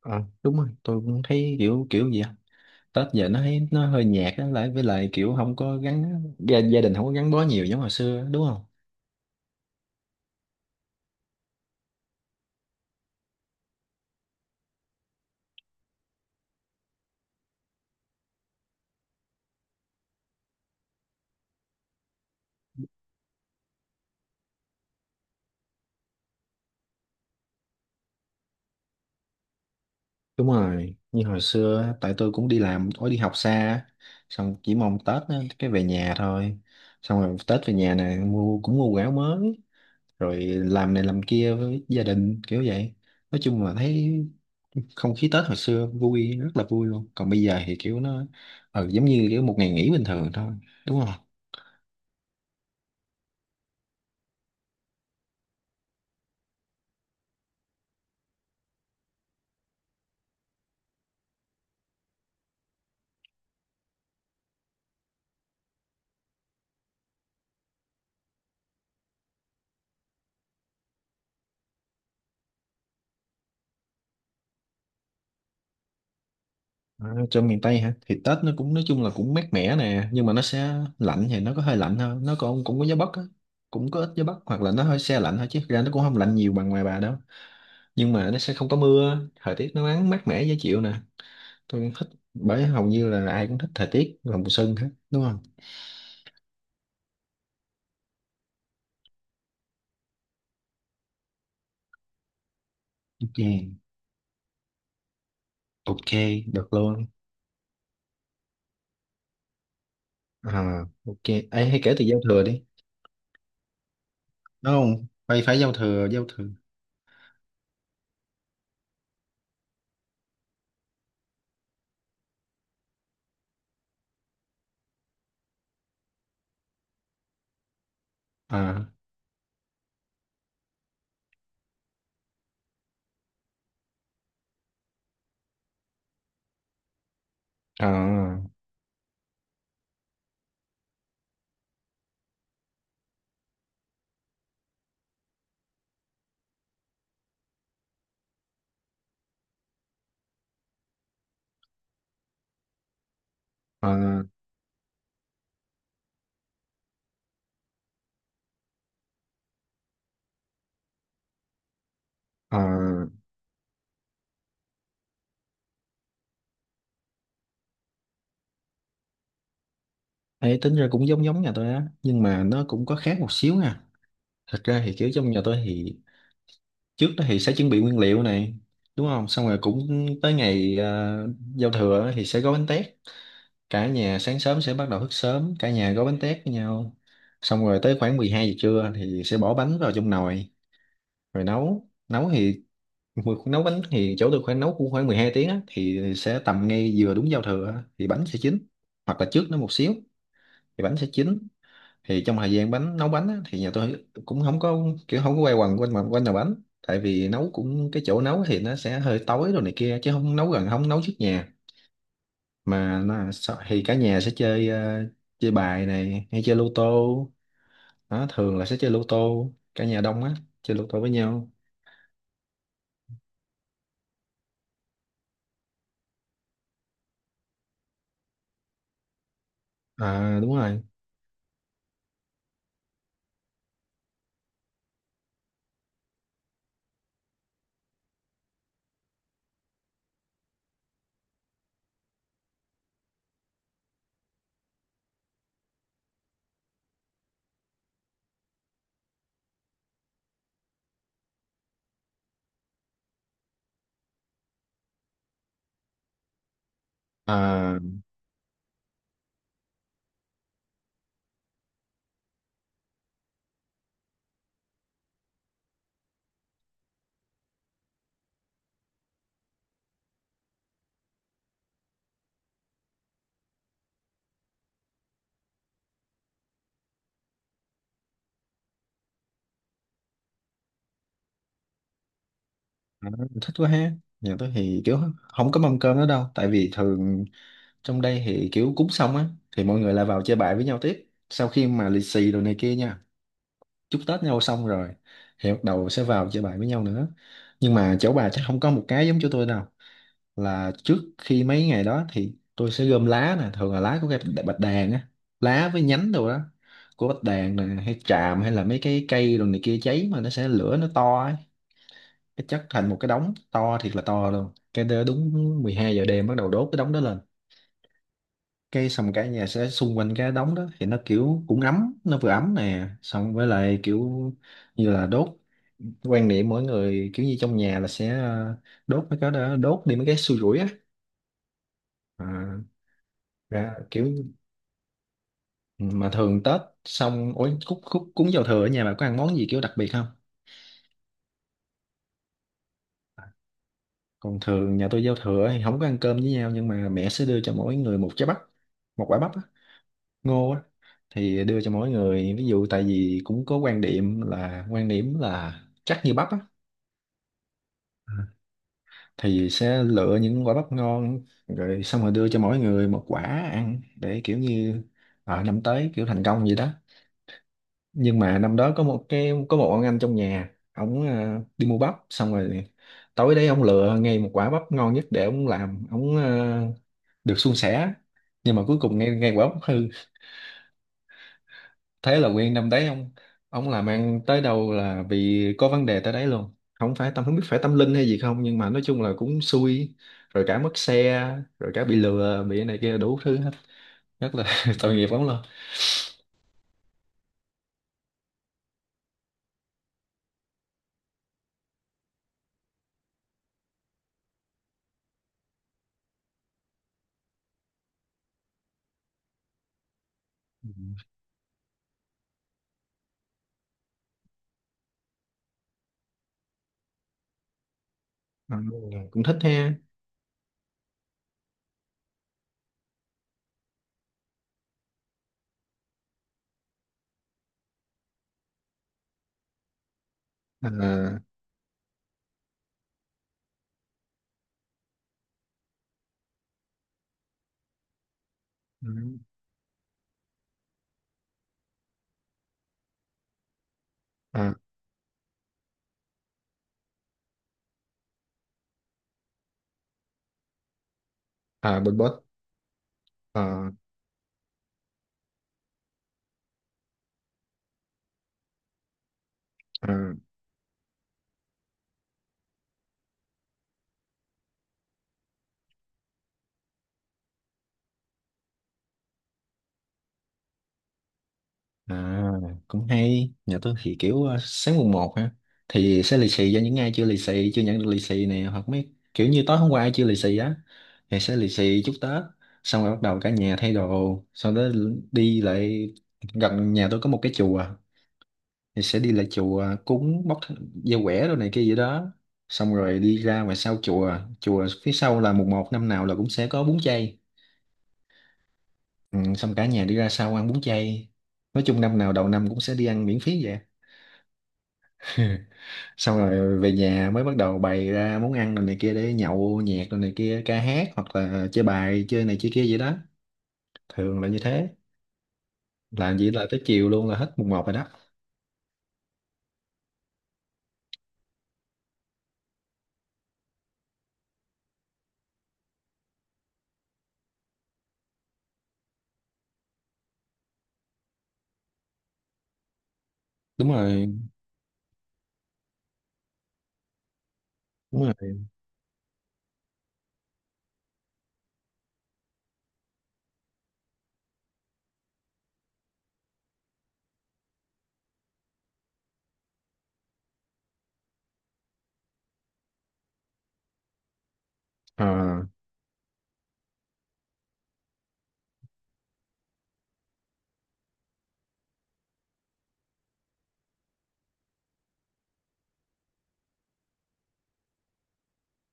Ờ, đúng rồi, tôi cũng thấy kiểu kiểu gì á. Tết giờ nó thấy nó hơi nhạt á, lại với lại kiểu không có gắn gia đình, không có gắn bó nhiều giống hồi xưa á, đúng không? Đúng rồi, như hồi xưa á, tại tôi cũng đi làm, tôi đi học xa á. Xong chỉ mong Tết á, cái về nhà thôi. Xong rồi Tết về nhà này, mua cũng mua quần áo mới, rồi làm này làm kia với gia đình kiểu vậy. Nói chung là thấy không khí Tết hồi xưa vui, rất là vui luôn, còn bây giờ thì kiểu nó giống như kiểu một ngày nghỉ bình thường thôi, đúng không? À, cho miền Tây hả? Thì Tết nó cũng nói chung là cũng mát mẻ nè, nhưng mà nó sẽ lạnh thì nó có hơi lạnh hơn, nó còn cũng có gió Bắc á, cũng có ít gió Bắc, hoặc là nó hơi se lạnh thôi, chứ thực ra nó cũng không lạnh nhiều bằng ngoài bà đâu. Nhưng mà nó sẽ không có mưa, thời tiết nó nắng, mát mẻ dễ chịu nè. Tôi cũng thích, bởi hầu như là ai cũng thích thời tiết vào mùa xuân hết, đúng không? Ok, ok, được luôn. À, ok. Ấy, hay kể từ giao thừa đi. Đúng không? Phải, phải giao thừa, giao thừa. À, à, à, à. Ấy, tính ra cũng giống giống nhà tôi á, nhưng mà nó cũng có khác một xíu nha. Thật ra thì kiểu trong nhà tôi thì trước đó thì sẽ chuẩn bị nguyên liệu này, đúng không? Xong rồi cũng tới ngày giao thừa á thì sẽ gói bánh tét. Cả nhà sáng sớm sẽ bắt đầu thức sớm, cả nhà gói bánh tét với nhau. Xong rồi tới khoảng 12 giờ trưa thì sẽ bỏ bánh vào trong nồi rồi nấu nấu thì nấu bánh thì chỗ tôi khoảng nấu cũng khoảng 12 tiếng á, thì sẽ tầm ngay vừa đúng giao thừa á, thì bánh sẽ chín, hoặc là trước nó một xíu thì bánh sẽ chín. Thì trong thời gian bánh nấu bánh á, thì nhà tôi cũng không có kiểu không có quay quần quanh, mà quanh nhà bánh tại vì nấu cũng, cái chỗ nấu thì nó sẽ hơi tối rồi này kia, chứ không nấu gần, không nấu trước nhà mà nó, thì cả nhà sẽ chơi chơi bài này, hay chơi lô tô. Đó, thường là sẽ chơi lô tô, cả nhà đông á, chơi lô tô với nhau. À đúng rồi. À. À, thích quá ha. Nhà tôi thì kiểu không có mâm cơm nữa đâu, tại vì thường trong đây thì kiểu cúng xong á thì mọi người lại vào chơi bài với nhau tiếp, sau khi mà lì xì đồ này kia nha, chúc Tết nhau xong rồi thì bắt đầu sẽ vào chơi bài với nhau nữa. Nhưng mà chỗ bà chắc không có một cái giống chỗ tôi đâu, là trước khi mấy ngày đó thì tôi sẽ gom lá nè, thường là lá của cây bạch đàn á, lá với nhánh đồ đó, của bạch đàn nè, hay tràm, hay là mấy cái cây đồ này kia cháy mà nó sẽ lửa nó to ấy, cái chất thành một cái đống to thiệt là to luôn. Cái đế đúng 12 giờ đêm bắt đầu đốt cái đống đó lên. Cái xong cả nhà sẽ xung quanh cái đống đó thì nó kiểu cũng ấm, nó vừa ấm nè, xong với lại kiểu như là đốt, quan niệm mỗi người kiểu như trong nhà là sẽ đốt mấy cái đó, đốt đi mấy cái xui rủi á. À, ra kiểu. Ừ, mà thường Tết xong ối, cúng cúng cúng giao thừa ở nhà bà có ăn món gì kiểu đặc biệt không? Còn thường nhà tôi giao thừa thì không có ăn cơm với nhau, nhưng mà mẹ sẽ đưa cho mỗi người một trái bắp, một quả bắp á. Ngô á, thì đưa cho mỗi người, ví dụ tại vì cũng có quan điểm là, quan điểm là chắc như bắp á, thì sẽ lựa những quả bắp ngon rồi, xong rồi đưa cho mỗi người một quả ăn, để kiểu như ở năm tới kiểu thành công vậy đó. Nhưng mà năm đó có một cái, có một ông anh trong nhà ổng đi mua bắp, xong rồi tối đấy ông lựa ngay một quả bắp ngon nhất để ông làm ông được suôn sẻ. Nhưng mà cuối cùng ngay ngay quả bắp hư. Thế là nguyên năm đấy ông làm ăn tới đâu là vì có vấn đề tới đấy luôn. Không phải tâm, không biết phải tâm linh hay gì không, nhưng mà nói chung là cũng xui, rồi cả mất xe, rồi cả bị lừa, bị cái này kia đủ thứ hết. Rất là tội nghiệp lắm luôn. Ừ. À, cũng thích ha. À, à, à, Bình Bốt. À, à. À, cũng hay. Nhà tôi thì kiểu sáng mùng một ha. Thì sẽ lì xì cho những ai chưa lì xì, chưa nhận được lì xì này, hoặc mấy kiểu như tối hôm qua ai chưa lì xì á thì sẽ lì xì chúc Tết. Xong rồi bắt đầu cả nhà thay đồ, sau đó đi lại, gần nhà tôi có một cái chùa, thì sẽ đi lại chùa cúng, bóc dao quẻ đồ này kia vậy đó. Xong rồi đi ra ngoài sau chùa, chùa phía sau là mùng một năm nào là cũng sẽ có bún chay. Ừ, xong cả nhà đi ra sau ăn bún chay. Nói chung năm nào đầu năm cũng sẽ đi ăn miễn phí vậy á. Xong rồi về nhà mới bắt đầu bày ra món ăn rồi này kia để nhậu nhẹt, rồi này kia ca hát, hoặc là chơi bài, chơi này chơi kia vậy đó, thường là như thế. Làm gì là tới chiều luôn, là hết mùng một rồi đó. Đúng rồi, đúng rồi. À,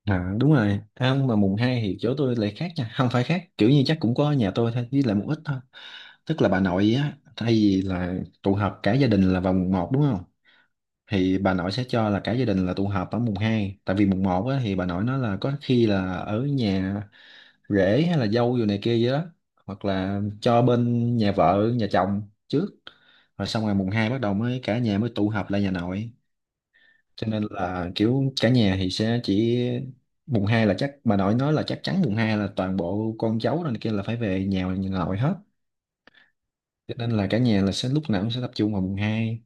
à đúng rồi. À, mà mùng hai thì chỗ tôi lại khác nha, không phải khác, kiểu như chắc cũng có nhà tôi thôi, với lại một ít thôi. Tức là bà nội á, thay vì là tụ họp cả gia đình là vào mùng một đúng không, thì bà nội sẽ cho là cả gia đình là tụ họp ở mùng hai. Tại vì mùng một á, thì bà nội nói là có khi là ở nhà rễ, hay là dâu vô này kia gì đó, hoặc là cho bên nhà vợ nhà chồng trước. Rồi xong ngày mùng hai bắt đầu mới cả nhà mới tụ họp lại nhà nội. Cho nên là kiểu cả nhà thì sẽ chỉ mùng hai, là chắc bà nội nói là chắc chắn mùng hai là toàn bộ con cháu rồi này kia là phải về nhà nhà nội hết. Cho nên là cả nhà là sẽ lúc nào cũng sẽ tập trung vào mùng hai.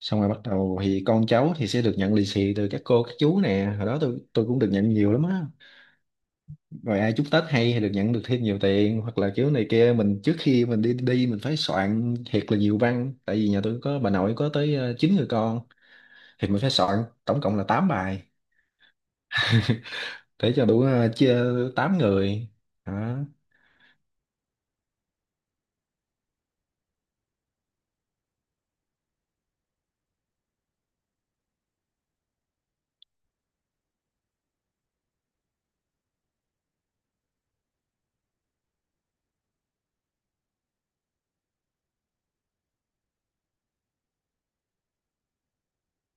Xong rồi bắt đầu thì con cháu thì sẽ được nhận lì xì từ các cô các chú nè, hồi đó tôi cũng được nhận nhiều lắm á. Rồi ai chúc Tết hay thì được nhận được thêm nhiều tiền, hoặc là kiểu này kia, mình trước khi mình đi, mình phải soạn thiệt là nhiều văn, tại vì nhà tôi có bà nội có tới 9 người con, thì mình phải soạn tổng cộng là 8 bài để cho đủ chia 8 người đó.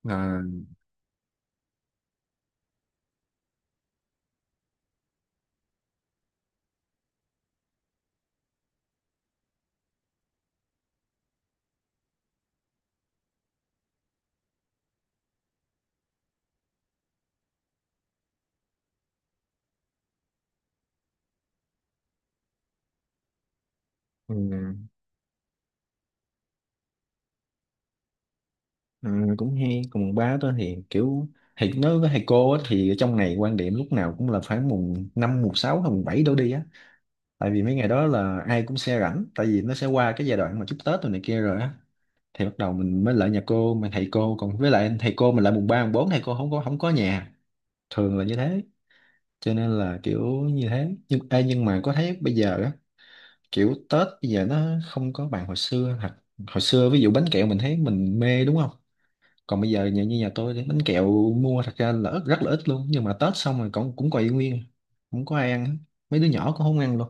À, ừ, ừ, cũng hay. Còn ba tôi thì kiểu, thì nói với thầy cô á, thì ở trong này quan điểm lúc nào cũng là khoảng mùng 5 mùng 6 hay mùng 7 đổ đi á. Tại vì mấy ngày đó là ai cũng sẽ rảnh, tại vì nó sẽ qua cái giai đoạn mà chúc Tết rồi này kia rồi á, thì bắt đầu mình mới lại nhà cô mà thầy cô còn, với lại thầy cô mình lại mùng ba mùng bốn thầy cô không có nhà, thường là như thế. Cho nên là kiểu như thế. Nhưng ê, nhưng mà có thấy bây giờ á, kiểu Tết bây giờ nó không có bằng hồi xưa thật. Hồi xưa ví dụ bánh kẹo mình thấy mình mê đúng không, còn bây giờ nhà như nhà tôi thì bánh kẹo mua thật ra là ít, rất là ít luôn, nhưng mà Tết xong rồi cũng cũng còn nguyên, không có ai ăn, mấy đứa nhỏ cũng không ăn luôn.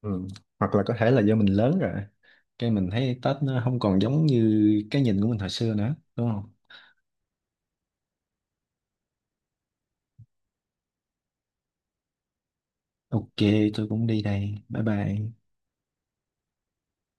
Ừ. Hoặc là có thể là do mình lớn rồi, cái mình thấy Tết nó không còn giống như cái nhìn của mình hồi xưa nữa, đúng không? Ok, tôi cũng đi đây. Bye bye.